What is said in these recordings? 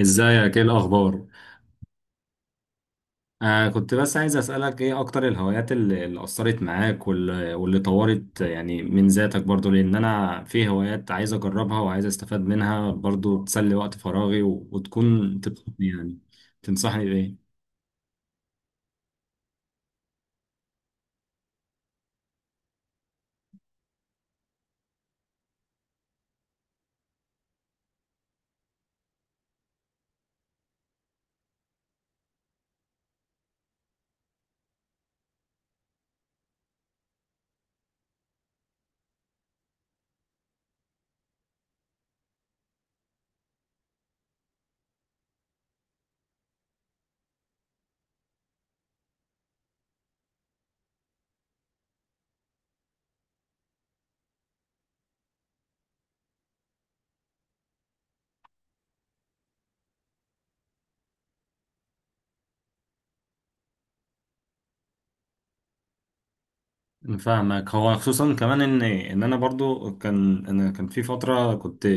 ازيك؟ ايه الاخبار؟ كنت بس عايز اسالك ايه اكتر الهوايات اللي اثرت معاك، واللي طورت يعني من ذاتك برضو، لان انا في هوايات عايز اجربها وعايز استفاد منها برضو، تسلي وقت فراغي و... وتكون تبسطني يعني. تنصحني بايه؟ فاهمك، هو خصوصا كمان ان انا برضو كان في فتره كنت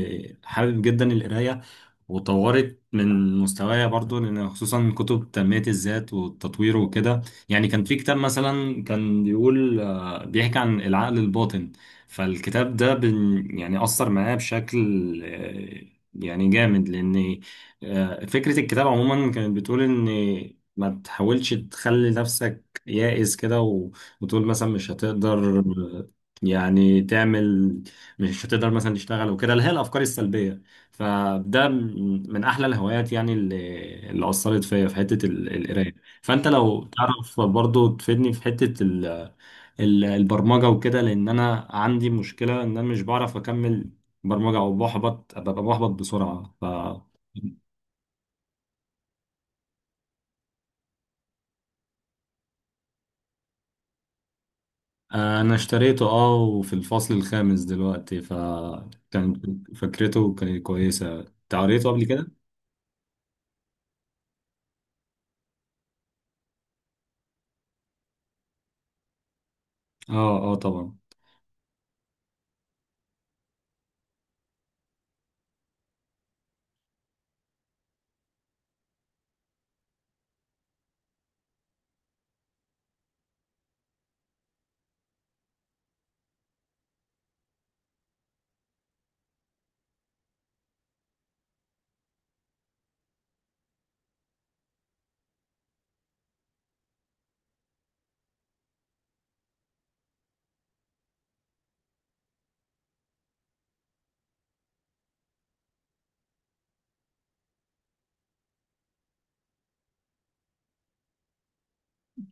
حابب جدا القرايه، وطورت من مستوايا برضو لان خصوصا كتب تنميه الذات والتطوير وكده. يعني كان في كتاب مثلا كان بيقول، بيحكي عن العقل الباطن. فالكتاب ده يعني اثر معايا بشكل، آه، يعني جامد، لان فكره الكتاب عموما كانت بتقول ان ما تحاولش تخلي نفسك يائس كده، وتقول مثلا مش هتقدر يعني تعمل، مش هتقدر مثلا تشتغل وكده، اللي هي الافكار السلبيه. فده من احلى الهوايات، يعني اللي اثرت فيا في حته القرايه. فانت لو تعرف برضو تفيدني في حته البرمجة وكده، لأن أنا عندي مشكلة إن أنا مش بعرف أكمل برمجة، أو ببقى بحبط بسرعة. ف آه، انا اشتريته، وفي الفصل الخامس دلوقتي، فكان فكرته كانت كويسه. انت قريته قبل كده؟ اه، اه، طبعا.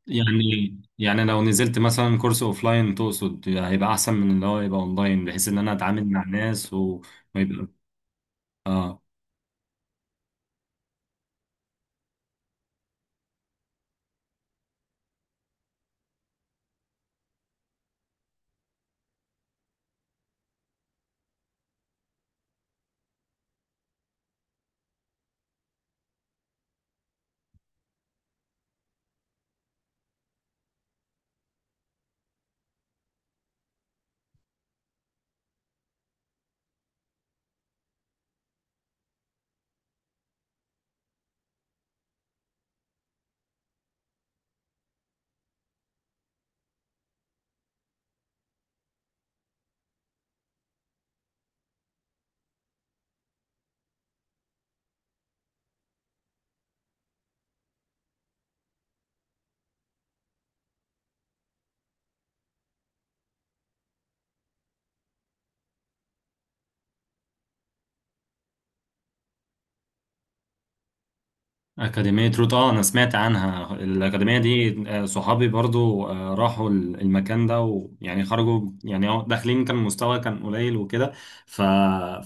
يعني لو نزلت مثلا كورس اوفلاين تقصد هيبقى احسن من اللي هو يبقى اونلاين، بحيث ان انا اتعامل مع ناس وما يبقى اه. أكاديمية روت، اه، أنا سمعت عنها الأكاديمية دي، صحابي برضو راحوا المكان ده، ويعني خرجوا، يعني هو داخلين كان مستوى كان قليل وكده. ف...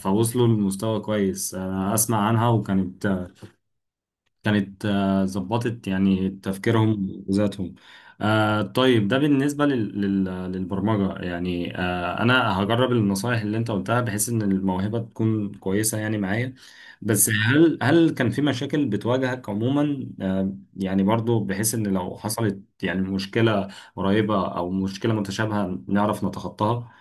فوصلوا لمستوى كويس، أنا أسمع عنها، وكانت كانت ظبطت يعني تفكيرهم وذاتهم. طيب، ده بالنسبة للبرمجة. يعني أنا هجرب النصائح اللي أنت قلتها، بحيث إن الموهبة تكون كويسة يعني معايا. بس هل كان في مشاكل بتواجهك عموما، يعني برضو، بحيث إن لو حصلت يعني مشكلة قريبة أو مشكلة متشابهة نعرف نتخطاها؟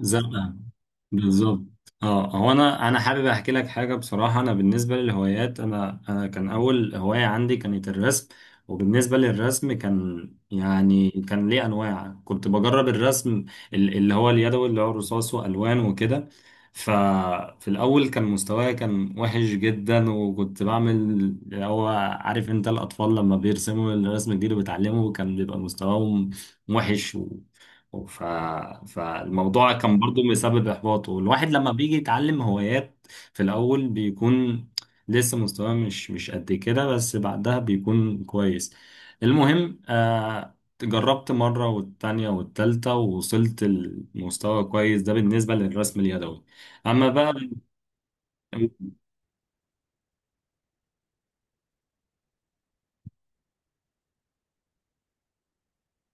زي بالظبط. اه، هو انا حابب احكي لك حاجه بصراحه. انا بالنسبه للهوايات، انا كان اول هوايه عندي كانت الرسم، وبالنسبه للرسم كان يعني كان ليه انواع، كنت بجرب الرسم اللي هو اليدوي، اللي هو رصاص والوان وكده. ففي الاول كان مستواي كان وحش جدا، وكنت بعمل اللي هو، عارف انت الاطفال لما بيرسموا الرسم الجديد وبيتعلموا كان بيبقى مستواهم وحش. ف... فالموضوع كان برضو مسبب إحباط، والواحد لما بيجي يتعلم هوايات في الأول بيكون لسه مستواه مش قد كده، بس بعدها بيكون كويس. المهم، جربت مرة والتانية والتالتة، ووصلت لمستوى كويس، ده بالنسبة للرسم اليدوي. أما بقى،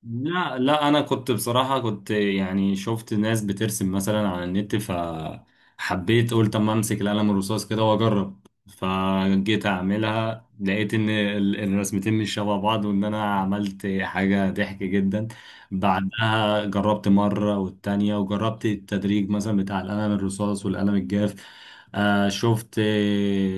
لا، لا، انا كنت بصراحة كنت يعني شفت ناس بترسم مثلا على النت، فحبيت، قلت اما امسك القلم الرصاص كده واجرب، فجيت اعملها لقيت ان الرسمتين مش شبه بعض، وان انا عملت حاجة ضحك جدا. بعدها جربت مرة والتانية، وجربت التدريج مثلا بتاع القلم الرصاص والقلم الجاف. آه، شفت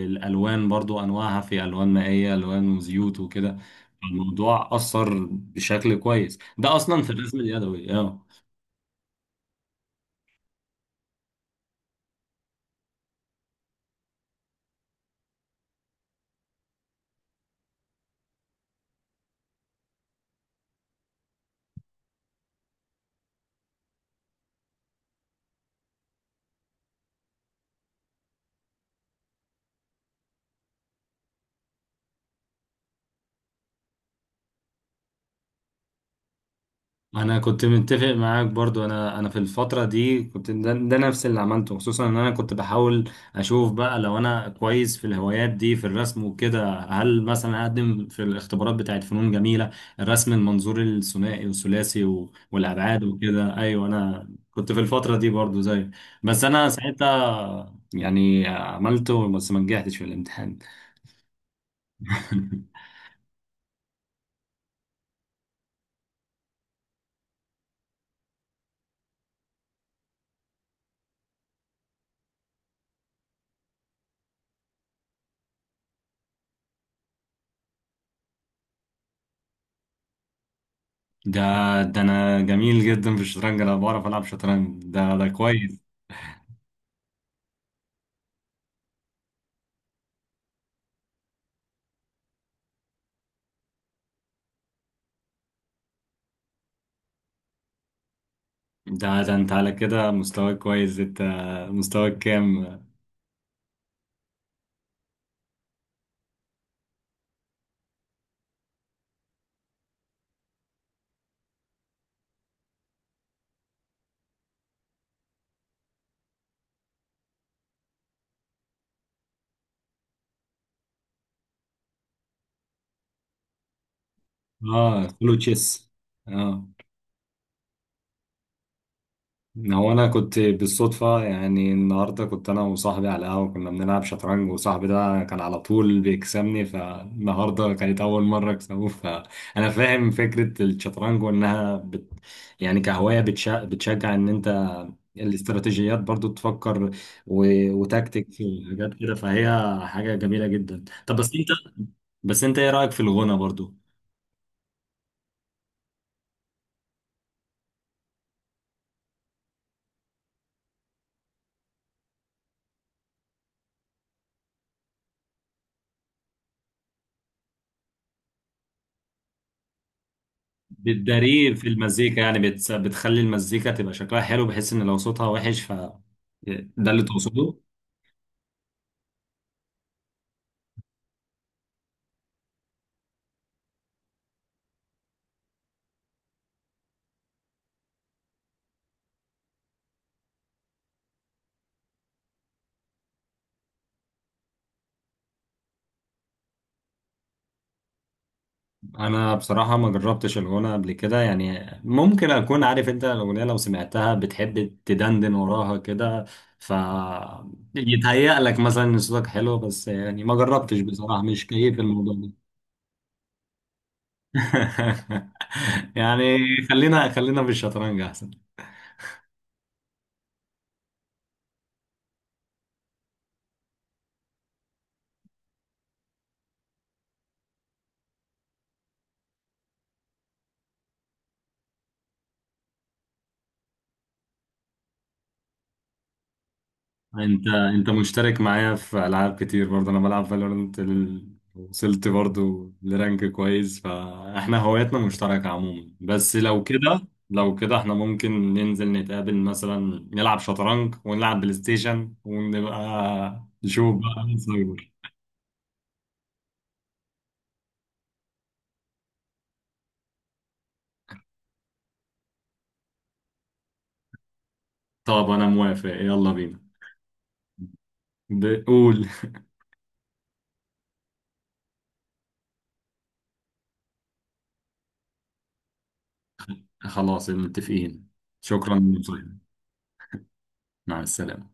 الالوان برضو انواعها، في الوان مائية، الوان وزيوت وكده. الموضوع أثر بشكل كويس، ده أصلا في الرسم اليدوي، اه. أنا كنت متفق معاك برضو، أنا في الفترة دي كنت ده نفس اللي عملته، خصوصا إن أنا كنت بحاول أشوف بقى لو أنا كويس في الهوايات دي في الرسم وكده، هل مثلا أقدم في الاختبارات بتاعت فنون جميلة، الرسم المنظور الثنائي والثلاثي و- والأبعاد وكده. أيوه، أنا كنت في الفترة دي برضو زي، بس أنا ساعتها يعني عملته، بس ما نجحتش في الامتحان. ده ده انا جميل جدا في الشطرنج، انا بعرف العب شطرنج، ده كويس. ده انت على كده مستواك كويس انت. مستواك كام؟ اه، كله تشيس. اه، هو انا كنت بالصدفه، يعني النهارده كنت انا وصاحبي على القهوه، كنا بنلعب شطرنج، وصاحبي ده كان على طول بيكسبني، فالنهارده كانت اول مره اكسبه. فانا فاهم فكره الشطرنج، وانها يعني كهوايه بتشجع ان انت الاستراتيجيات برضو تفكر و... وتكتيك وحاجات كده، فهي حاجه جميله جدا. طب بس انت، ايه رايك في الغنى برضو؟ بتداريه في المزيكا، يعني بتخلي المزيكا تبقى شكلها حلو، بحيث ان لو صوتها وحش ف، ده اللي تقصده؟ انا بصراحة ما جربتش الغنى قبل كده، يعني ممكن اكون، عارف انت الاغنية لو سمعتها بتحب تدندن وراها كده، ف يتهيأ لك مثلا ان صوتك حلو، بس يعني ما جربتش بصراحة، مش كيف الموضوع ده. يعني خلينا خلينا في الشطرنج. انت مشترك معايا في العاب كتير برضه، انا بلعب فالورنت وصلت برضه لرانك كويس، فاحنا هواياتنا مشتركة عموما. بس لو كده، احنا ممكن ننزل نتقابل مثلا، نلعب شطرنج ونلعب بلاي ستيشن ونبقى نشوف بقى مين سايبر. طب انا موافق، يلا بينا. بقول، خلاص متفقين. شكرا للمشاهدة. مع السلامة.